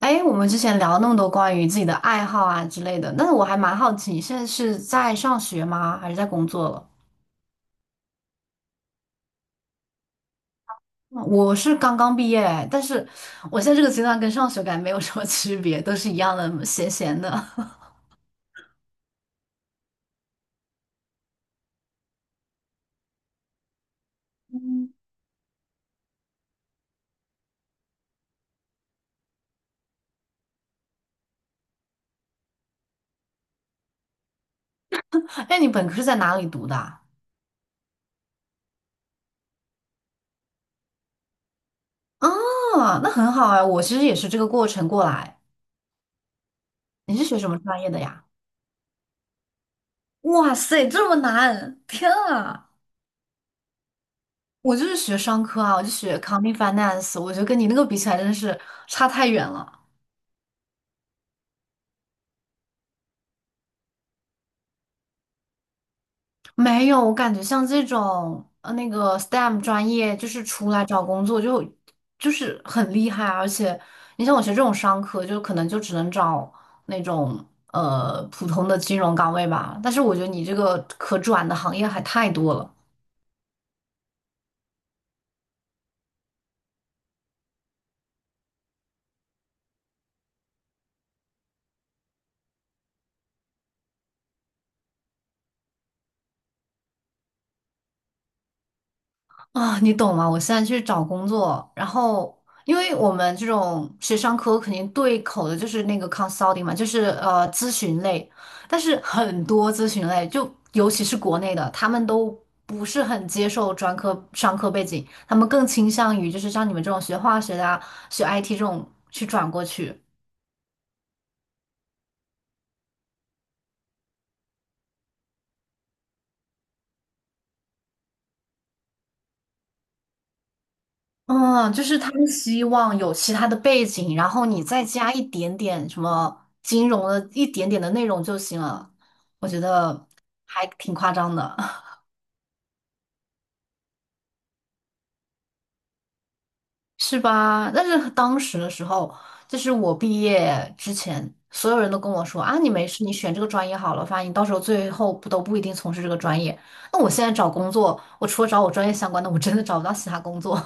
哎，我们之前聊了那么多关于自己的爱好啊之类的，但是我还蛮好奇，你现在是在上学吗？还是在工作了？嗯我是刚刚毕业，但是我现在这个阶段跟上学感觉没有什么 区别，都是一样的，闲闲的。嗯。哎，你本科是在哪里读的啊？啊，那很好啊，我其实也是这个过程过来。你是学什么专业的呀？哇塞，这么难！天啊，我就是学商科啊，我就学 c o m n t i n g Finance，我觉得跟你那个比起来，真的是差太远了。没有，我感觉像这种那个 STEM 专业，就是出来找工作就就是很厉害啊，而且你像我学这种商科，就可能就只能找那种普通的金融岗位吧。但是我觉得你这个可转的行业还太多了。啊，你懂吗？我现在去找工作，然后因为我们这种学商科肯定对口的就是那个 consulting 嘛，就是咨询类，但是很多咨询类，就尤其是国内的，他们都不是很接受专科商科背景，他们更倾向于就是像你们这种学化学的啊，学 IT 这种去转过去。嗯，就是他们希望有其他的背景，然后你再加一点点什么金融的一点点的内容就行了。我觉得还挺夸张的。是吧？但是当时的时候，就是我毕业之前，所有人都跟我说啊，你没事，你选这个专业好了，反正你到时候最后不都不一定从事这个专业。那我现在找工作，我除了找我专业相关的，我真的找不到其他工作。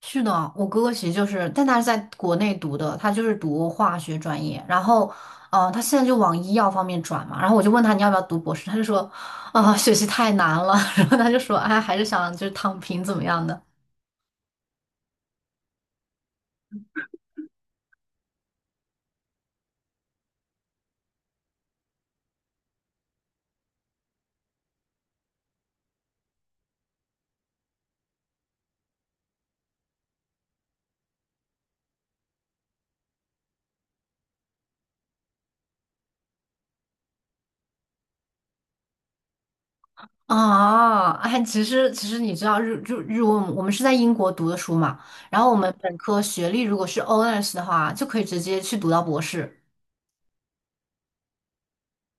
是的，我哥哥其实就是，但他是在国内读的，他就是读化学专业，然后，他现在就往医药方面转嘛。然后我就问他你要不要读博士，他就说，啊、学习太难了。然后他就说，哎，还是想就是躺平怎么样的啊？哎，其实其实你知道日就日文，我们是在英国读的书嘛，然后我们本科学历如果是 honors 的话，就可以直接去读到博士。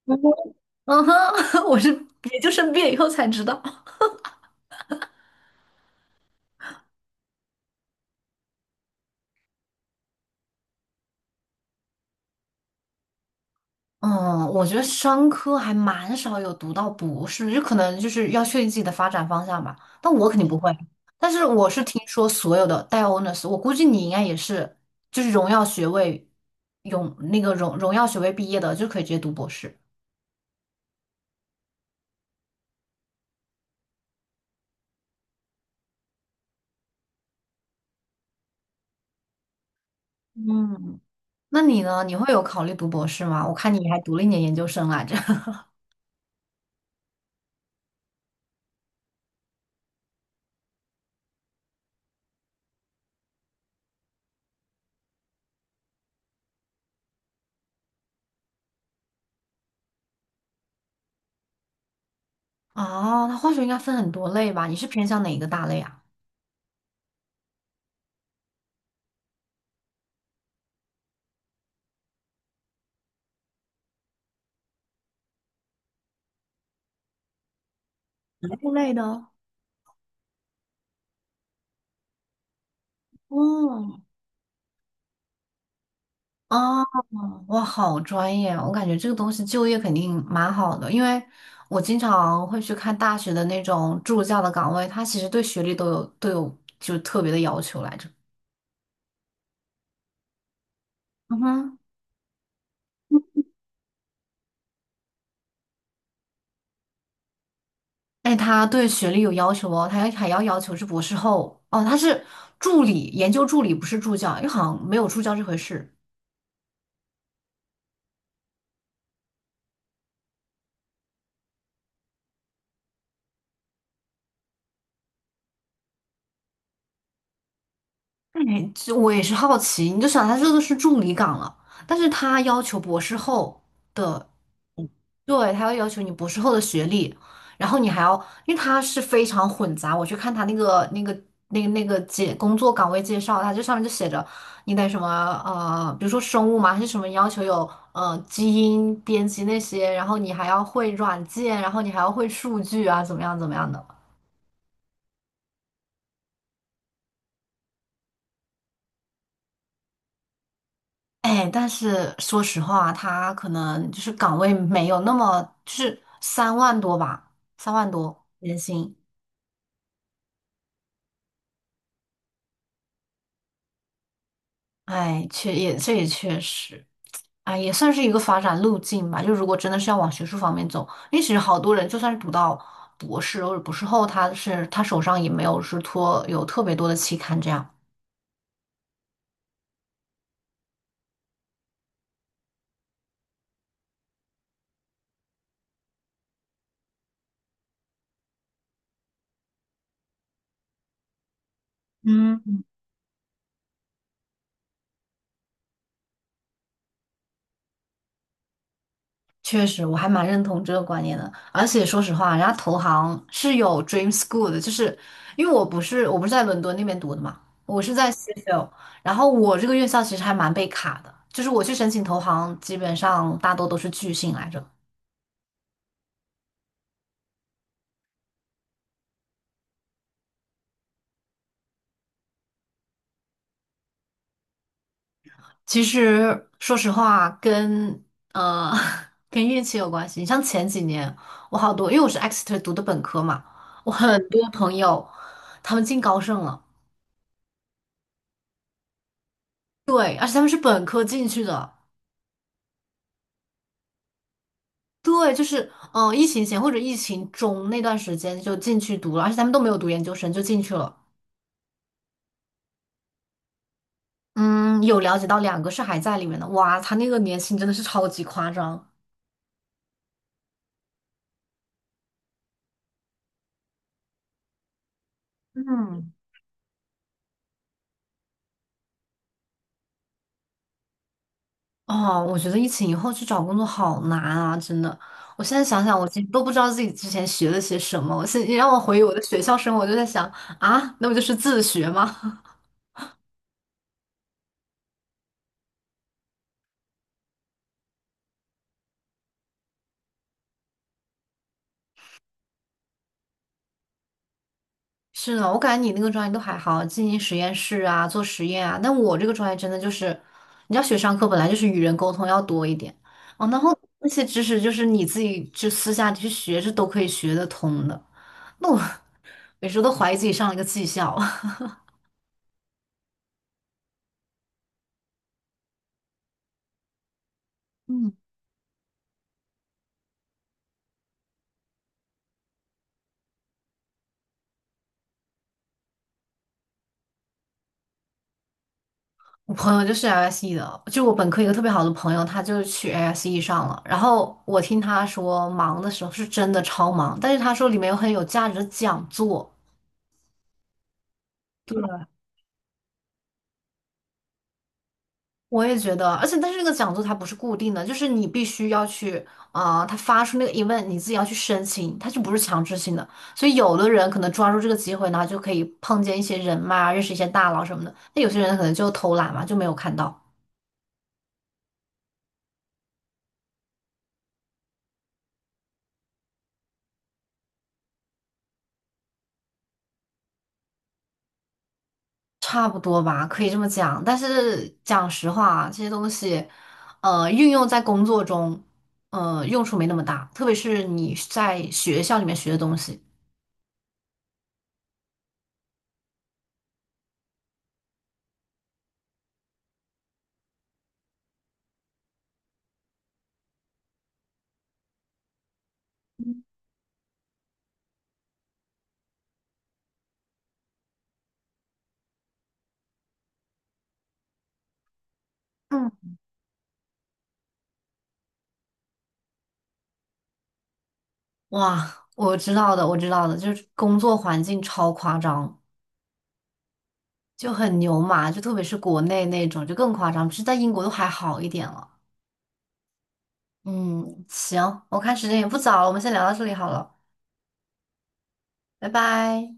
嗯哼。 我是也就生毕业以后才知道。嗯，我觉得商科还蛮少有读到博士，就可能就是要确定自己的发展方向吧。但我肯定不会，但是我是听说所有的带 honors，我估计你应该也是，就是荣耀学位，荣那个荣荣耀学位毕业的就可以直接读博士。嗯。那你呢？你会有考虑读博士吗？我看你还读了1年研究生来着。哦，那化学应该分很多类吧？你是偏向哪一个大类啊？物类的。哦。哦。哇，好专业哦！我感觉这个东西就业肯定蛮好的，因为我经常会去看大学的那种助教的岗位，他其实对学历都有就特别的要求来着。嗯哼。哎，他对学历有要求哦，他还要要求是博士后哦，他是助理，研究助理不是助教，因为好像没有助教这回事。哎，这我也是好奇，你就想他这个是助理岗了，但是他要求博士后。的。对，他会要求你博士后的学历，然后你还要，因为他是非常混杂。我去看他那个介工作岗位介绍，他这上面就写着你得什么比如说生物嘛，还是什么要求有基因编辑那些，然后你还要会软件，然后你还要会数据啊，怎么样怎么样的。哎，但是说实话，他可能就是岗位没有那么，就是三万多吧，3万多年薪。哎，确也这也确实，哎，也算是一个发展路径吧。就如果真的是要往学术方面走，因为其实好多人就算是读到博士或者博士后，他是他手上也没有是托有特别多的期刊这样。嗯，确实，我还蛮认同这个观念的。而且说实话，人家投行是有 Dream School 的，就是因为我不是在伦敦那边读的嘛，我是在 s h e 然后我这个院校其实还蛮被卡的，就是我去申请投行，基本上大多都是拒信来着。其实说实话，跟呃 跟运气有关系。你像前几年，我好多，因为我是 Exeter 读的本科嘛，我很多朋友他们进高盛了。对，而且他们是本科进去的。对，就是疫情前或者疫情中那段时间就进去读了，而且他们都没有读研究生就进去了。嗯，有了解到2个是还在里面的，哇，他那个年薪真的是超级夸张。嗯。哦，我觉得疫情以后去找工作好难啊，真的。我现在想想，我其实都不知道自己之前学了些什么。我现你让我回忆我的学校生活，我就在想啊，那不就是自学吗？是的，我感觉你那个专业都还好，进行实验室啊，做实验啊。但我这个专业真的就是，你要学商科，本来就是与人沟通要多一点哦，然后那些知识就是你自己去私下去学，是都可以学得通的。那我 有时候都怀疑自己上了一个技校。嗯。我朋友就是 LSE 的，就我本科一个特别好的朋友，他就去 LSE 上了。然后我听他说，忙的时候是真的超忙，但是他说里面有很有价值的讲座。对，我也觉得，而且但是那个讲座它不是固定的，就是你必须要去啊、他发出那个 event，你自己要去申请，它就不是强制性的。所以有的人可能抓住这个机会，呢，就可以碰见一些人脉啊，认识一些大佬什么的。那有些人可能就偷懒嘛，就没有看到。差不多吧，可以这么讲。但是讲实话，这些东西，运用在工作中，用处没那么大。特别是你在学校里面学的东西。嗯，哇，我知道的，我知道的，就是工作环境超夸张，就很牛马，就特别是国内那种，就更夸张。只是在英国都还好一点了。嗯，行，我看时间也不早了，我们先聊到这里好了，拜拜。